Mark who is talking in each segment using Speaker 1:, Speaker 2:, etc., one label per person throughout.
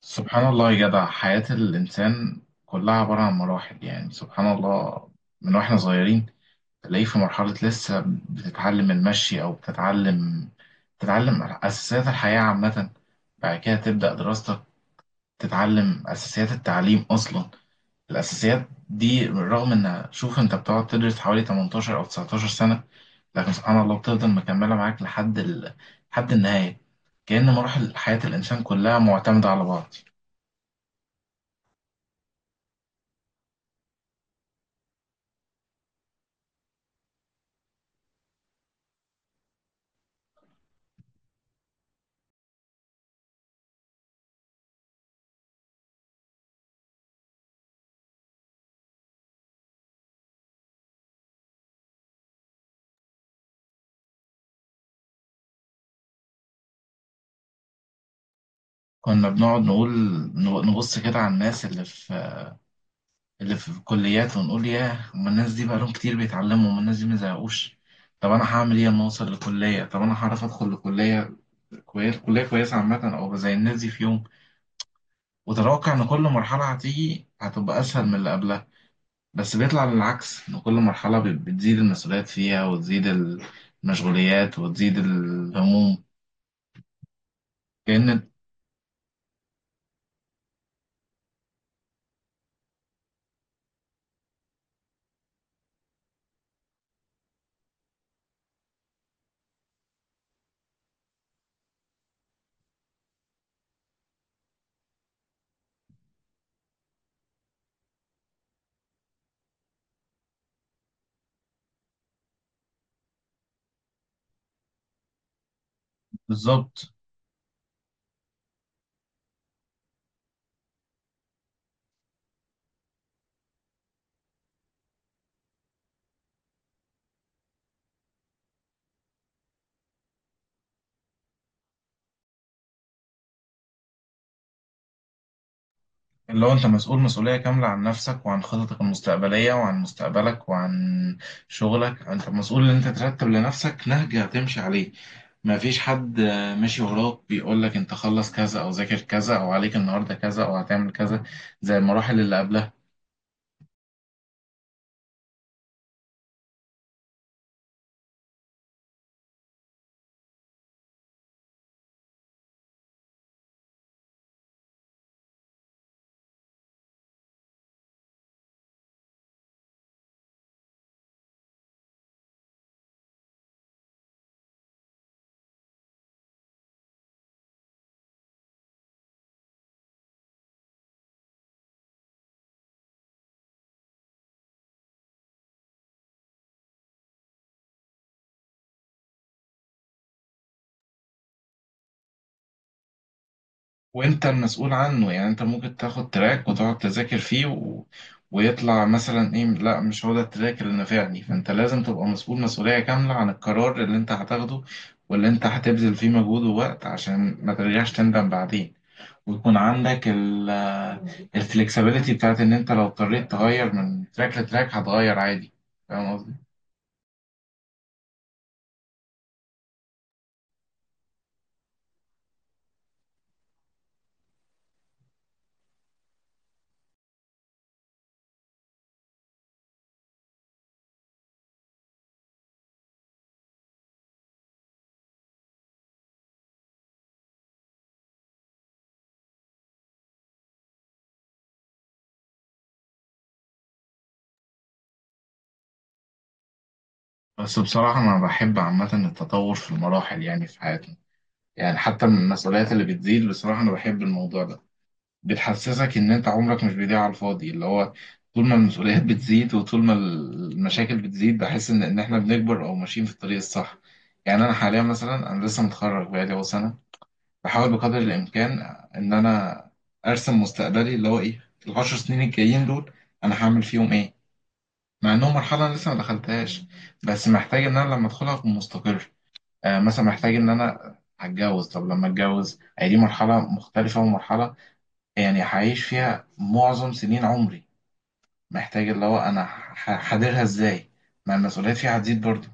Speaker 1: سبحان الله يا جدع، حياة الإنسان كلها عبارة عن مراحل، يعني سبحان الله. من واحنا صغيرين تلاقيه في مرحلة لسه بتتعلم المشي، أو بتتعلم أساسيات الحياة عامة. بعد كده تبدأ دراستك، تتعلم أساسيات التعليم أصلا. الأساسيات دي، رغم إن شوف أنت بتقعد تدرس حوالي 18 أو 19 سنة، لكن سبحان الله بتفضل مكملة معاك لحد النهاية. كأن مراحل حياة الإنسان كلها معتمدة على بعض. كنا بنقعد نقول، نبص كده على الناس اللي في الكليات ونقول: ياه، هما الناس دي بقالهم كتير بيتعلموا، هما الناس دي ما زهقوش؟ طب انا هعمل ايه لما اوصل لكليه؟ طب انا هعرف ادخل لكليه كويس، كليه كويسه عامه، او زي الناس دي في يوم؟ وتتوقع ان كل مرحله هتيجي هتبقى اسهل من اللي قبلها، بس بيطلع للعكس، ان كل مرحله بتزيد المسؤوليات فيها، وتزيد المشغوليات، وتزيد الهموم. كأن. بالظبط. اللي هو انت مسؤول مسؤولية كاملة عن نفسك، وعن خططك المستقبلية، وعن مستقبلك، وعن شغلك. انت مسؤول ان انت ترتب لنفسك نهج هتمشي عليه. ما فيش حد ماشي وراك بيقول لك: انت خلص كذا، او ذاكر كذا، او عليك النهاردة كذا، او هتعمل كذا، زي المراحل اللي قبلها. وانت المسؤول عنه، يعني انت ممكن تاخد تراك وتقعد تذاكر فيه ويطلع مثلا ايه، لا مش هو ده التراك اللي نفعني، فانت لازم تبقى مسؤول مسؤولية كاملة عن القرار اللي انت هتاخده، واللي انت هتبذل فيه مجهود ووقت عشان ما ترجعش تندم بعدين، ويكون عندك الفلكسبيليتي بتاعت ان انت لو اضطريت تغير من تراك لتراك هتغير عادي. فاهم قصدي؟ بس بصراحة انا بحب عامة التطور في المراحل، يعني في حياتنا، يعني حتى من المسؤوليات اللي بتزيد، بصراحة انا بحب الموضوع ده. بتحسسك ان انت عمرك مش بيضيع على الفاضي، اللي هو طول ما المسؤوليات بتزيد، وطول ما المشاكل بتزيد، بحس ان احنا بنكبر او ماشيين في الطريق الصح. يعني انا حاليا مثلا انا لسه متخرج بقالي اهو سنه، بحاول بقدر الامكان ان انا ارسم مستقبلي، اللي هو ايه العشر سنين الجايين دول انا هعمل فيهم ايه، مع انهم مرحله أنا لسه ما دخلتهاش، بس محتاج ان انا لما ادخلها اكون مستقر. آه مثلا محتاج ان انا هتجوز. طب لما اتجوز، هي دي مرحله مختلفه ومرحله يعني هعيش فيها معظم سنين عمري. محتاج اللي هو انا هحضرها ازاي. ما المسؤوليات فيها هتزيد برضه.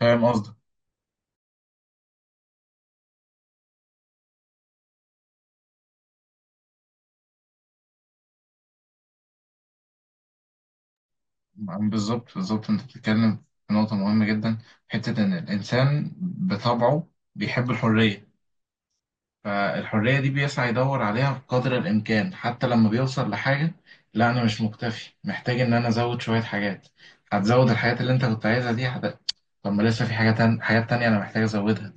Speaker 1: فاهم قصدك. بالظبط بالظبط، انت بتتكلم في نقطة مهمة جدا. حتة ان الانسان بطبعه بيحب الحرية. فالحرية دي بيسعى يدور عليها بقدر الامكان، حتى لما بيوصل لحاجة: لا انا مش مكتفي، محتاج ان انا ازود شوية حاجات. هتزود الحاجات اللي انت كنت عايزها دي، طب ما لسه في حاجة حاجات تانية انا محتاج ازودها.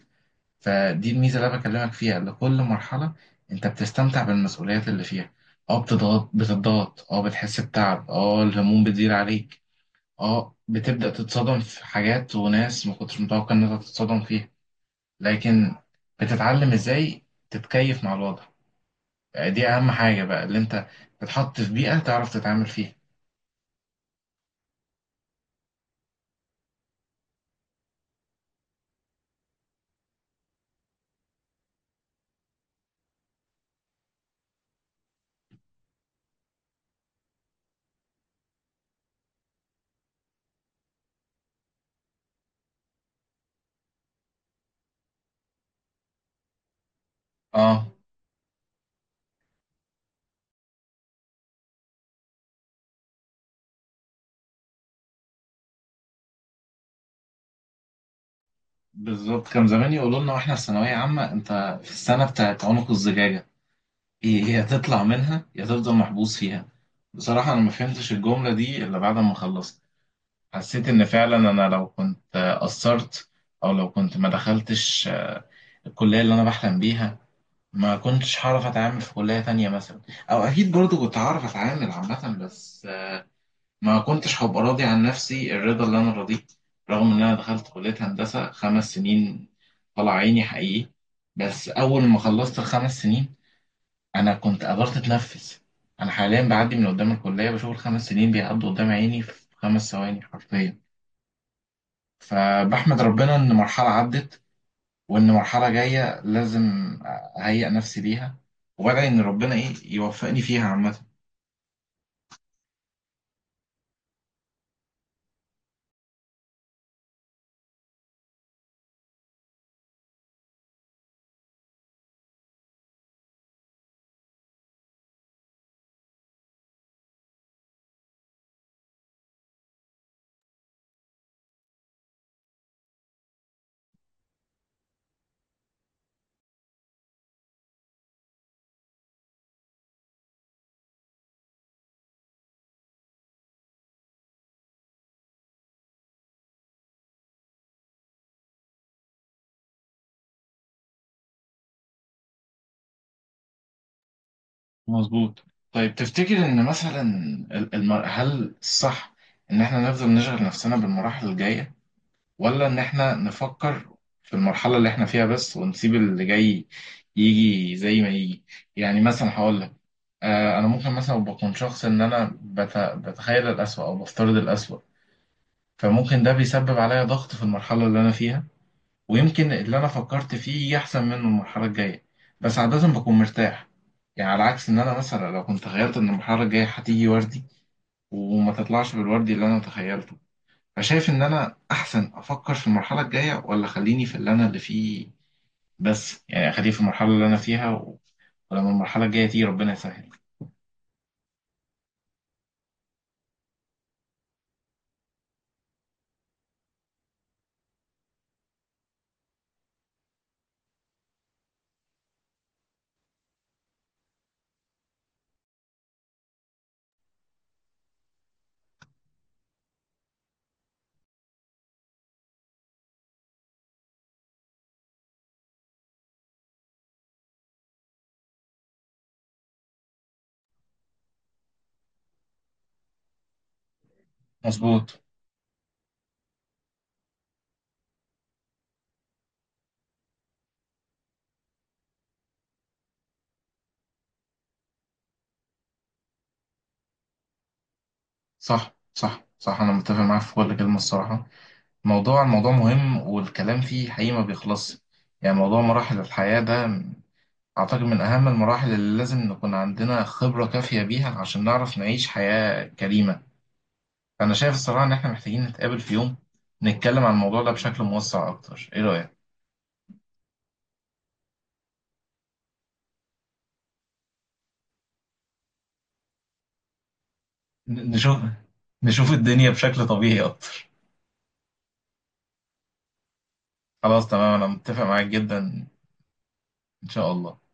Speaker 1: فدي الميزة اللي أنا بكلمك فيها، إن كل مرحلة أنت بتستمتع بالمسؤوليات اللي فيها. أه بتضغط، أه بتحس بتعب، أه الهموم بتزيد عليك، أه بتبدأ تتصدم في حاجات وناس ما كنتش متوقع إن أنت تتصدم فيها. لكن بتتعلم إزاي تتكيف مع الوضع. آه، دي أهم حاجة بقى، اللي أنت تتحط في بيئة تعرف تتعامل فيها. أه بالظبط. كان زمان يقولوا لنا واحنا في ثانوية عامة: أنت في السنة بتاعت عنق الزجاجة، ايه هي هتطلع منها يا تفضل محبوس فيها. بصراحة انا ما فهمتش الجملة دي الا بعد ما خلصت. حسيت ان فعلا انا لو كنت قصرت، او لو كنت ما دخلتش الكلية اللي انا بحلم بيها، ما كنتش هعرف اتعامل في كلية تانية مثلا، او اكيد برضو كنت هعرف اتعامل عامة، بس ما كنتش هبقى راضي عن نفسي الرضا اللي انا رضيه. رغم ان انا دخلت كلية هندسة 5 سنين، طلع عيني حقيقي. بس اول ما خلصت الخمس سنين انا كنت قدرت اتنفس. انا حاليا بعدي من قدام الكليه بشوف الخمس سنين بيعدوا قدام عيني في 5 ثواني حرفيا. فبحمد ربنا ان مرحله عدت، وان مرحله جايه لازم اهيئ نفسي ليها، وادعي ان ربنا ايه يوفقني فيها عامه. مظبوط. طيب تفتكر ان مثلا هل الصح ان احنا نفضل نشغل نفسنا بالمراحل الجايه، ولا ان احنا نفكر في المرحله اللي احنا فيها بس، ونسيب اللي جاي يجي زي ما يجي؟ يعني مثلا هقول لك، انا ممكن مثلا بكون شخص ان انا بتخيل الأسوأ، او بفترض الأسوأ. فممكن ده بيسبب عليا ضغط في المرحله اللي انا فيها، ويمكن اللي انا فكرت فيه يجي احسن منه المرحله الجايه، بس عاده بكون مرتاح. يعني على عكس ان انا مثلا لو كنت تخيلت ان المرحله الجايه هتيجي وردي وما تطلعش بالوردي اللي انا تخيلته. فشايف ان انا احسن افكر في المرحله الجايه، ولا خليني في اللي فيه؟ بس يعني اخليه في المرحله اللي انا فيها ولما المرحله الجايه تيجي ربنا يسهل. مظبوط. صح صح صح، انا متفق معاك في كل كلمه الصراحه. الموضوع مهم والكلام فيه حقيقي ما بيخلصش. يعني موضوع مراحل الحياه ده اعتقد من اهم المراحل اللي لازم نكون عندنا خبره كافيه بيها عشان نعرف نعيش حياه كريمه. فانا شايف الصراحه ان احنا محتاجين نتقابل في يوم، نتكلم عن الموضوع ده بشكل موسع اكتر. ايه رايك؟ نشوف نشوف الدنيا بشكل طبيعي اكتر. خلاص تمام، انا متفق معاك جدا. ان شاء الله.